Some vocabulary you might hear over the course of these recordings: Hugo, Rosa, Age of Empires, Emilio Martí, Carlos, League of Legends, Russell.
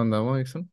¿Andamos, Dixon?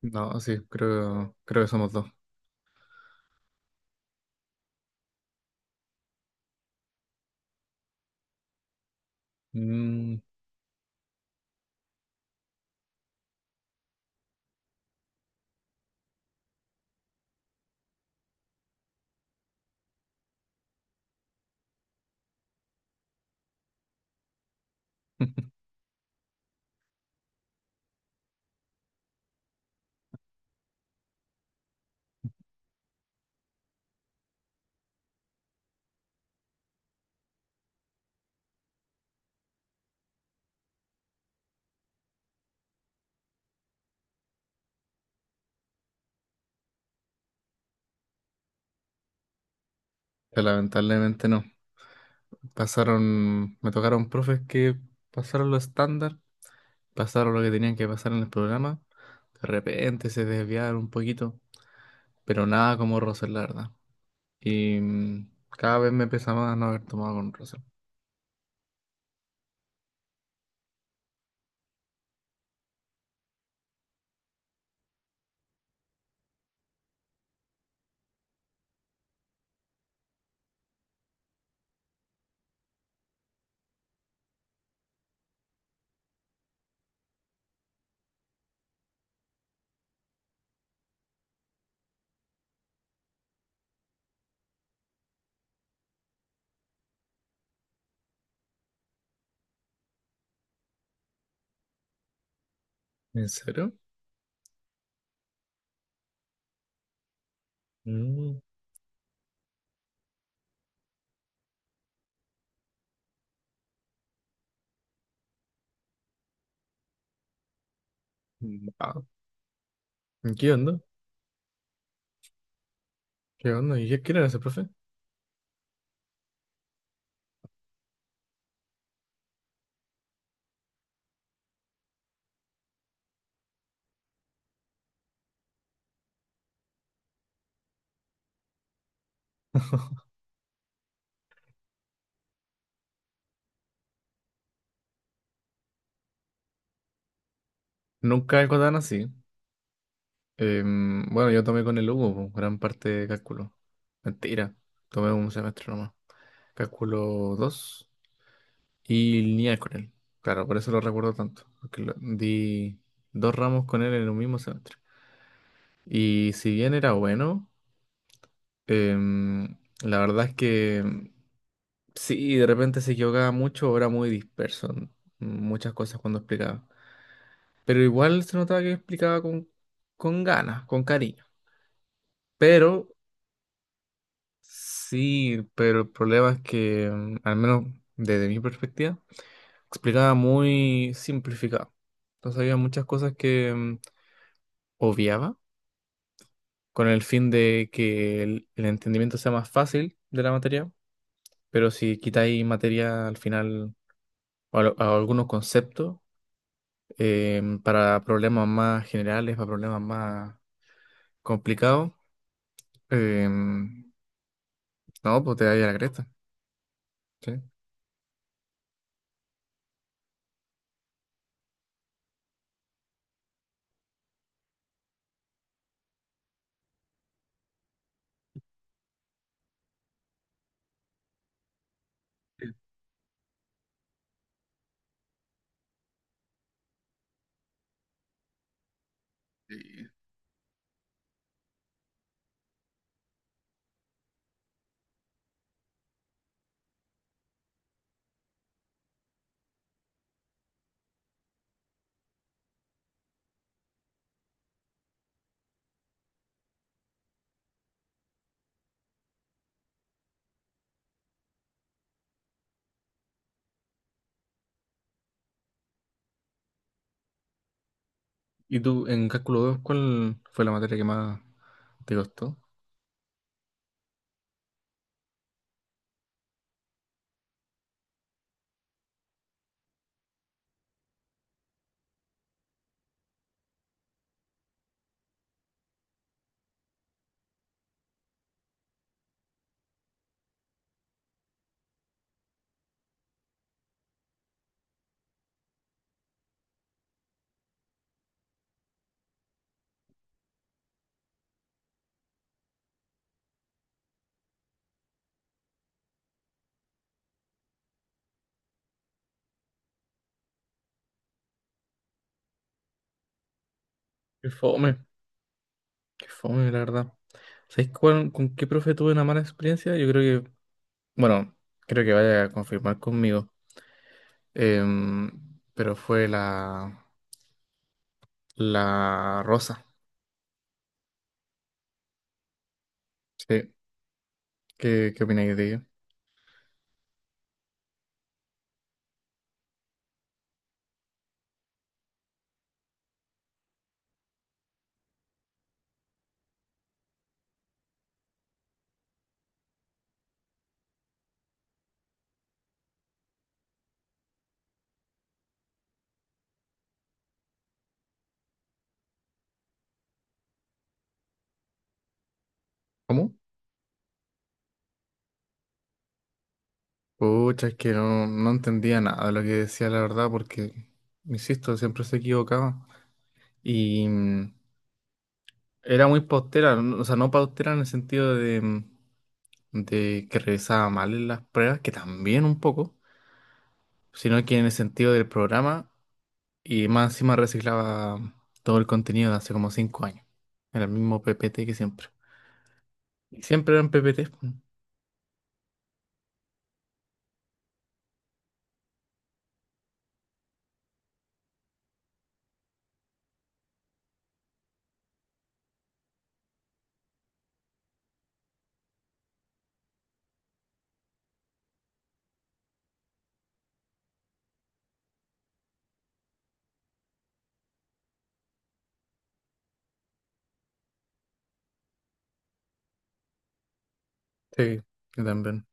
No, sí, creo que somos dos. Mm. Pero lamentablemente no. Pasaron, me tocaron profes que pasaron lo estándar, pasaron lo que tenían que pasar en el programa. De repente se desviaron un poquito, pero nada como Russell, la verdad. Y cada vez me pesa más no haber tomado con Russell. ¿En serio? Mm, wow. ¿Qué onda? ¿Qué onda? ¿Y quién era ese profe? Nunca algo tan así. Bueno, yo tomé con el Hugo, po, gran parte de cálculo. Mentira, tomé un semestre nomás. Cálculo 2 y lineal con él. Claro, por eso lo recuerdo tanto, porque di dos ramos con él en un mismo semestre. Y si bien era bueno, la verdad es que sí, de repente se equivocaba mucho, o era muy disperso en muchas cosas cuando explicaba. Pero igual se notaba que explicaba con ganas, con cariño. Pero sí, pero el problema es que, al menos desde mi perspectiva, explicaba muy simplificado. Entonces había muchas cosas que obviaba con el fin de que el entendimiento sea más fácil de la materia, pero si quitáis materia al final o a algunos conceptos para problemas más generales, para problemas más complicados, em, no, pues te da a la cresta. ¿Sí? ¿Y tú en cálculo 2 cuál fue la materia que más te costó? Qué fome, qué fome, la verdad. ¿Sabes con qué profe tuve una mala experiencia? Yo creo que, bueno, creo que vaya a confirmar conmigo. Em, pero fue la, Rosa. Sí, ¿qué opináis de ella? ¿Cómo? Pucha, es que no, no entendía nada de lo que decía, la verdad, porque, insisto, siempre se equivocaba. Y era muy paustera, o sea, no paustera en el sentido de que revisaba mal en las pruebas, que también un poco, sino que en el sentido del programa y más encima reciclaba todo el contenido de hace como 5 años. Era el mismo PPT que siempre. Y siempre eran PPT. Sí, yo también.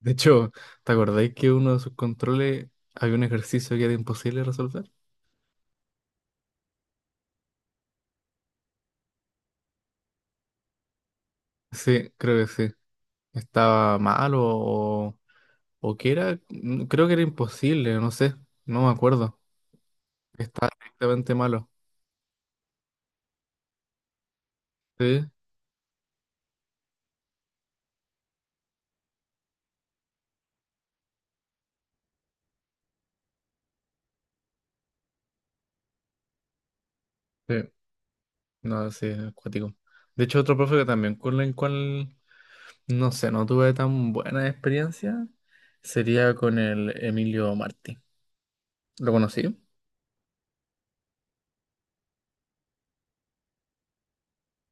De hecho, ¿te acordáis que uno de sus controles había un ejercicio que era imposible resolver? Sí, creo que sí. Estaba mal o que era, creo que era imposible, no sé, no me acuerdo. Estaba directamente malo. Sí. Sí. No, sí, es acuático. De hecho, otro profe que también con el cual, no sé, no tuve tan buena experiencia sería con el Emilio Martí. ¿Lo conocí?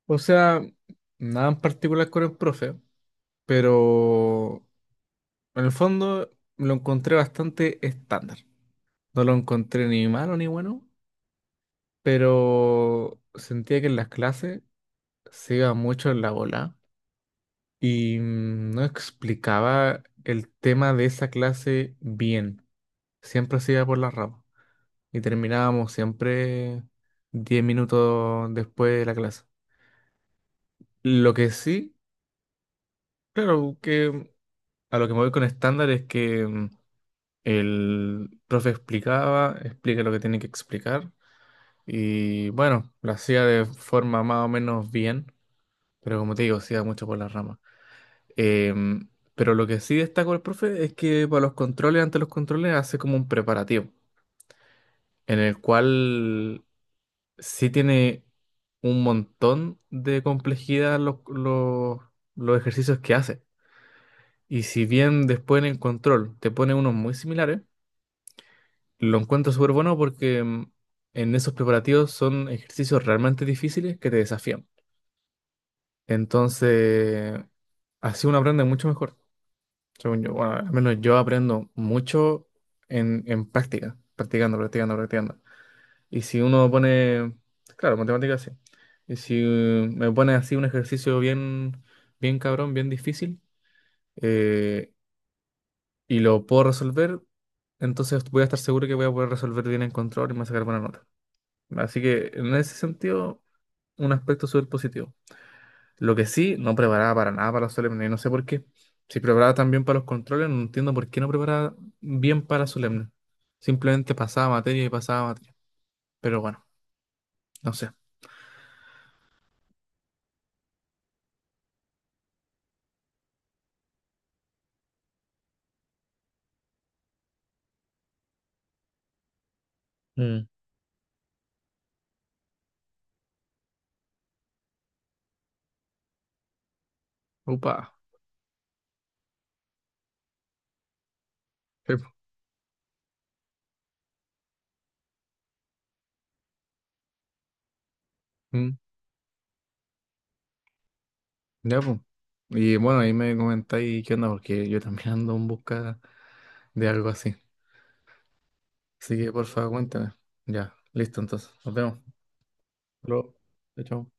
O sea, nada en particular con el profe, pero en el fondo lo encontré bastante estándar. No lo encontré ni malo ni bueno, pero sentía que en las clases se iba mucho en la bola y no explicaba el tema de esa clase bien. Siempre se iba por las ramas y terminábamos siempre 10 minutos después de la clase. Lo que sí, claro, que a lo que me voy con estándar es que el profe explicaba, explica lo que tiene que explicar y bueno, lo hacía de forma más o menos bien, pero como te digo, se iba mucho por las ramas. Em, pero lo que sí destaco el profe es que para los controles, ante los controles, hace como un preparativo en el cual sí tiene un montón de complejidad los, los ejercicios que hace. Y si bien después en el control te pone unos muy similares, lo encuentro súper bueno porque en esos preparativos son ejercicios realmente difíciles que te desafían. Entonces, así uno aprende mucho mejor. Según yo, bueno, al menos yo aprendo mucho en práctica, practicando, practicando, practicando. Y si uno pone, claro, matemáticas sí. Y si me pone así un ejercicio bien, bien cabrón, bien difícil, eh, y lo puedo resolver, entonces voy a estar seguro que voy a poder resolver bien en control y me voy a sacar buena nota. Así que en ese sentido, un aspecto súper positivo. Lo que sí, no preparaba para nada para los solemnes, y no sé por qué. Si preparaba tan bien para los controles, no entiendo por qué no preparaba bien para solemnes. Simplemente pasaba materia y pasaba materia. Pero bueno, no sé. Mm. Upa. Mm, ya, pues. Y bueno, ahí me comentáis qué onda, porque yo también ando en busca de algo así. Así que por favor cuéntame. Ya, listo entonces. Nos vemos. Hasta luego. Chao. Chao.